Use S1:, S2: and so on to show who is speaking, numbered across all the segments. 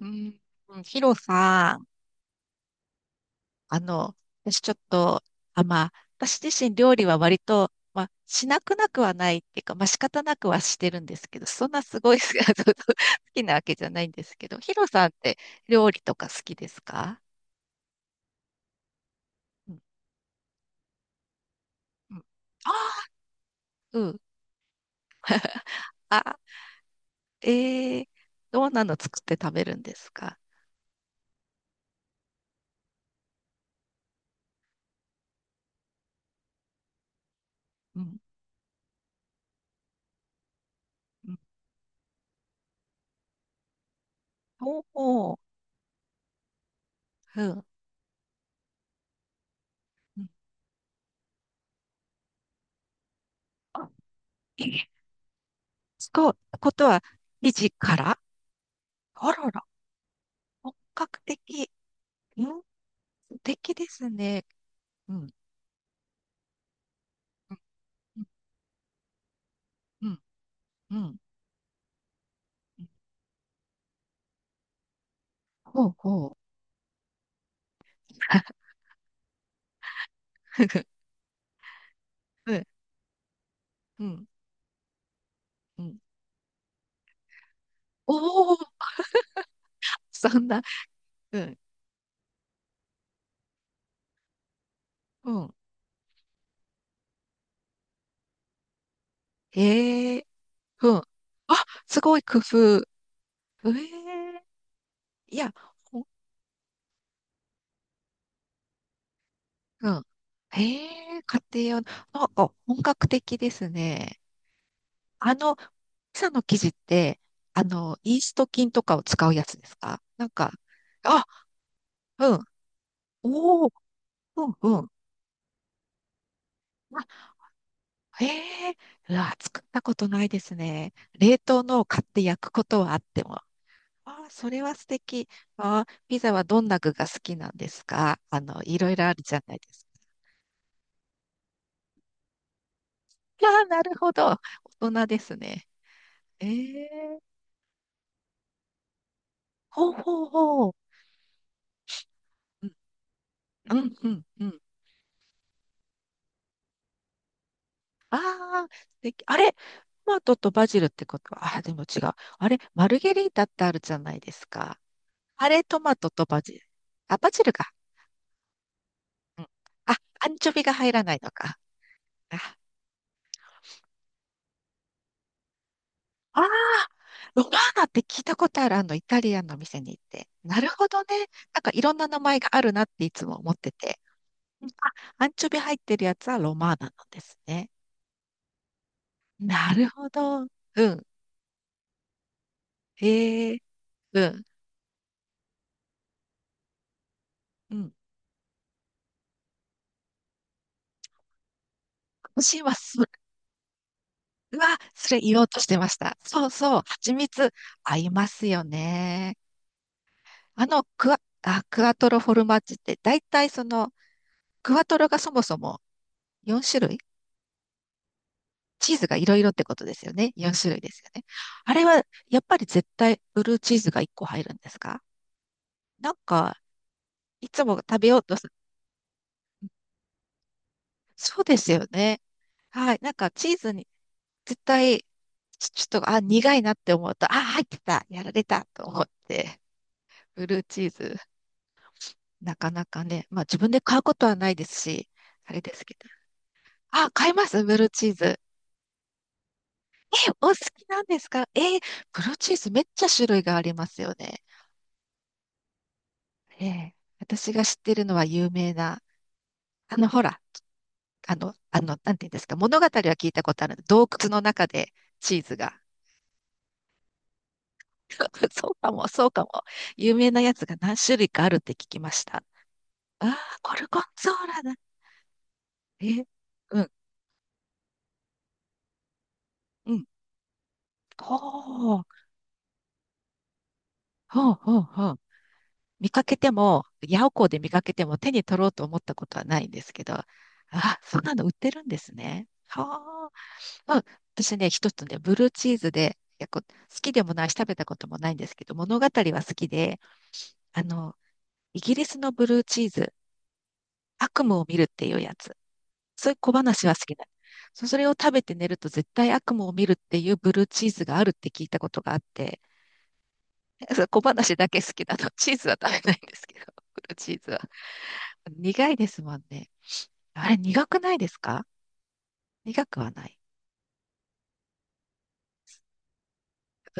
S1: うん。うん、ヒロさん。あの、私ちょっと、あ、まあ、私自身料理は割と、まあ、しなくなくはないっていうか、まあ、仕方なくはしてるんですけど、そんなすごい 好きなわけじゃないんですけど、ヒロさんって料理とか好きですか？うん。うん。あうん。あ、えー、どんなの作って食べるんですか？うん。うん。おー、うん。うんあ、え、使うことは、生地から。あらら、本格的。うん、素敵ですね。うん、うん、うん、うん。うん。ほうほう。うん、うん、うん。おお、そんな。うん、うん。へえ、うん。あ、すごい工夫。ええ、いや、ほん、うん。へえ、家庭用の、なんか本格的ですね。あの、ピザの生地って、イースト菌とかを使うやつですか？なんか、あ、うん。おお、うん、うん。ええ、うわ、作ったことないですね。冷凍のを買って焼くことはあっても。ああ、それは素敵。ああ、ピザはどんな具が好きなんですか？あの、いろいろあるじゃないですか。ああ、なるほど。大人ですね。ええ、ほうほうほう。うん、うん、うん。うん。ああ、素敵。あれ、トマトとバジルってことは、ああ、でも違う。あれ、マルゲリータってあるじゃないですか。あれ、トマトとバジル。あ、バジルか。あ、アンチョビが入らないのか。ああ、ロマーナって聞いたことある、イタリアンの店に行って。なるほどね。なんかいろんな名前があるなっていつも思ってて。うん。あ、アンチョビ入ってるやつはロマーナなんですね。なるほど。うん。へえ、うん。うん。私はそれ、うわ、それ言おうとしてました。そうそう。蜂蜜合いますよね。クワトロフォルマッジって、だいたいその、クワトロがそもそも4種類、チーズがいろいろってことですよね。4種類ですよね。あれは、やっぱり絶対ブルーチーズが1個入るんですか？なんか、いつも食べようとする。そうですよね。はい。なんか、チーズに絶対、ちょっと、あ、苦いなって思うと、あ、入ってた、やられたと思って、ブルーチーズ、なかなかね、まあ自分で買うことはないですし、あれですけど。あ、買いますブルーチーズ。え、お好きなんですか？え、ブルーチーズめっちゃ種類がありますよね。ええ、私が知ってるのは有名な、ほら、なんていうんですか、物語は聞いたことある。洞窟の中でチーズが。そうかも、そうかも。有名なやつが何種類かあるって聞きました。ああ、ゴルゴンゾーラだ。え、うん、うん。ほう、ほう、ほう、ほう。見かけても、ヤオコーで見かけても手に取ろうと思ったことはないんですけど、ああ、そんなの売ってるんですね。はあ。まあ、私ね、一つね、ブルーチーズで、いや、好きでもないし、食べたこともないんですけど、物語は好きで、あの、イギリスのブルーチーズ、悪夢を見るっていうやつ。そういう小話は好きなの。それを食べて寝ると絶対悪夢を見るっていうブルーチーズがあるって聞いたことがあって、そう小話だけ好きなの。チーズは食べないんですけど、ブルーチーズは。苦いですもんね。あれ、苦くないですか？苦くはない。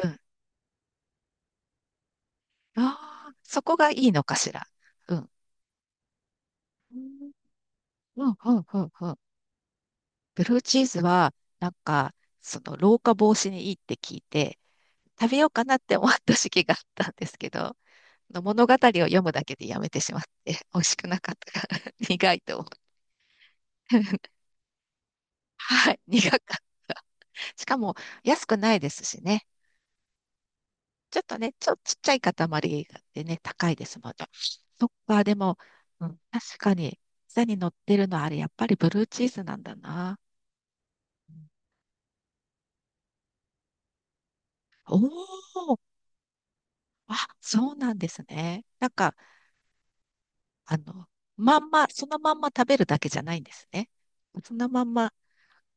S1: うん。ああ、そこがいいのかしら。うん。うん、うん、うん、うん。ブルーチーズは、なんか、その、老化防止にいいって聞いて、食べようかなって思った時期があったんですけど、の物語を読むだけでやめてしまって、美味しくなかったから、苦いと思う。はい、苦かった。しかも、安くないですしね。ちょっとね、ちっちゃい塊でね、高いですもんね。そっか、でも、うん、確かに、下に乗ってるのはあれ、やっぱりブルーチーズなんだな。おー、あ、そうなんですね。なんか、あの、そのまんま食べるだけじゃないんですね。そのまんま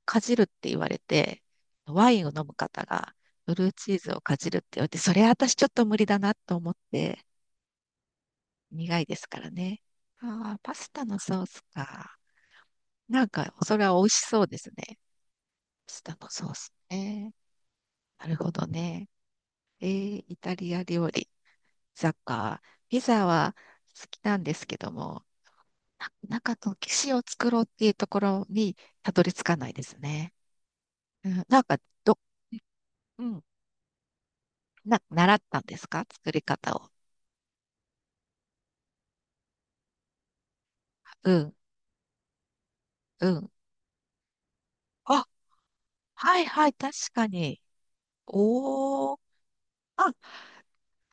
S1: かじるって言われて、ワインを飲む方が、ブルーチーズをかじるって言われて、それ私ちょっと無理だなと思って、苦いですからね。ああ、パスタのソースか。なんか、それは美味しそうですね。パスタのソースね。なるほどね。イタリア料理、ピザか。ピザは好きなんですけども、中の騎士を作ろうっていうところにたどり着かないですね。うん、なんか、ど、うん、習ったんですか、作り方を？うん、うん。あ、はいはい、確かに。おー、あ、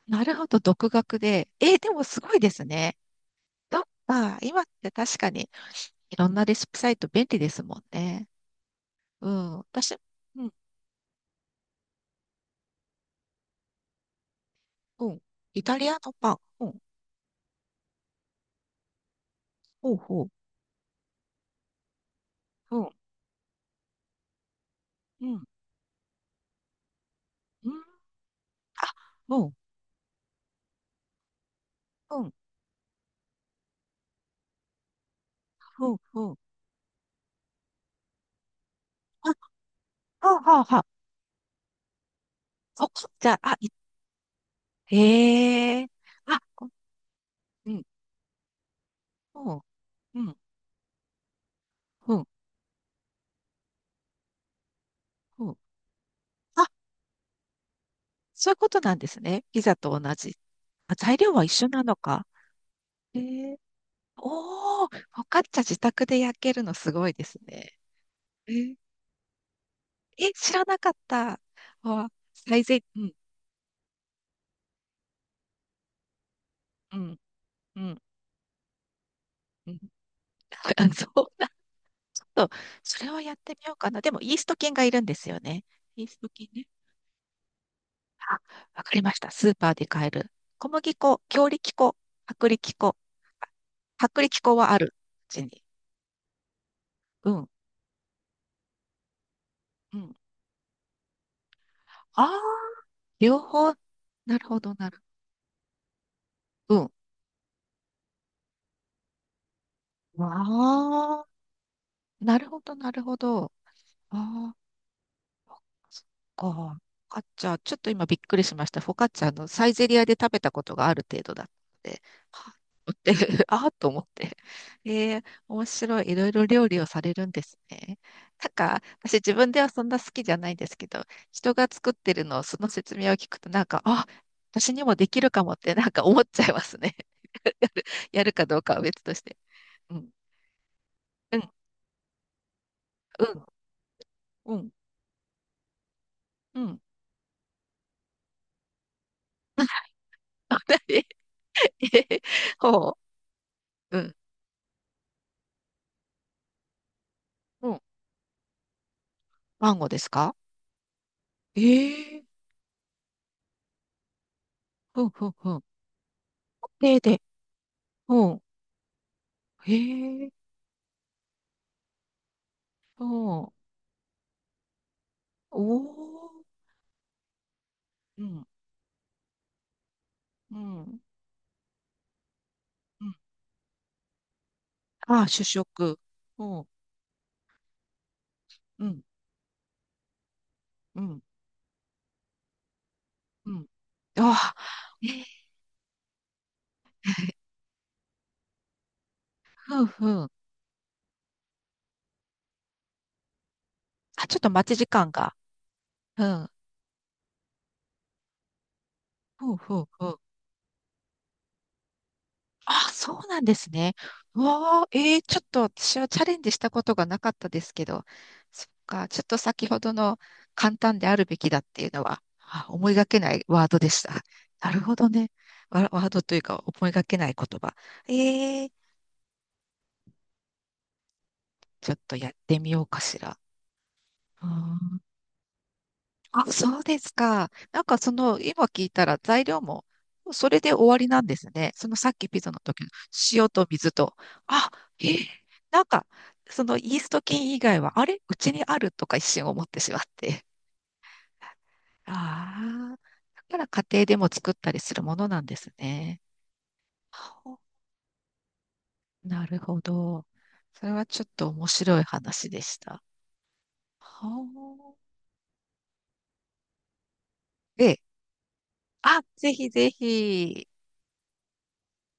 S1: なるほど、独学で。でもすごいですね。どっか、今って確かにいろんなレシピサイト便利ですもんね。うん、私、うん、うん、イタリアのパン。うん、ほうほう、うん、うん、うん、あ、うん、うん、うん、うん。あ、はあ、はあ、はあ。そっか、じゃあ、あ、い、へえ。あ、こ、うん、うん、うん、うん、うん。あ、そういうことなんですね。ピザと同じ。あ、材料は一緒なのか。へえ。おー、フォカッチャ自宅で焼けるのすごいですね。えー、知らなかった。わ、最善、うん、うん、うん、うん。あ、そうなると それをやってみようかな。でも、イースト菌がいるんですよね。イースト菌ね。あ、わかりました。スーパーで買える。小麦粉、強力粉、薄力粉。あ、薄力粉はある、うちに。うん。うん。ああ、両方。なるほど、なる。うん。わあ、なるほど、なるほど。ああ。そっか。フォカッチャ、ちょっと今びっくりしました。フォカッチャのサイゼリアで食べたことがある程度だったので、はっ思って ああと思って。ええ、面白い。いろいろ料理をされるんですね。なんか、私自分ではそんな好きじゃないんですけど、人が作ってるのをその説明を聞くと、なんか、あ、私にもできるかもってなんか思っちゃいますね。やるかどうかは別として。うん、うん、うん、うん、うん。ほう、うん、うん。マンゴーですか？ええ、ふんふんふん。で、で、ほうん。ええ、ほうん。おお。うん、うん、うん。ああ、主食。ほうん、うん、うん、うん。ああ、ええ、ふんふん。あ、ちょっと待ち時間が。うん、ふんふんふん。あ、そうなんですね。うわあ、ちょっと私はチャレンジしたことがなかったですけど、そっか、ちょっと先ほどの簡単であるべきだっていうのは、あ、思いがけないワードでした。なるほどね。ワードというか、思いがけない言葉。えー、ちょっとやってみようかしら。うーん、あ、そうですか。なんかその、今聞いたら材料も、それで終わりなんですね。そのさっきピザの時の塩と水と。あ、えーなんか、そのイースト菌以外は、あれうちにあるとか一瞬思ってしまって。ああ、だから家庭でも作ったりするものなんですね。ほう、なるほど。それはちょっと面白い話でした。はあ。で、あ、ぜひぜひ。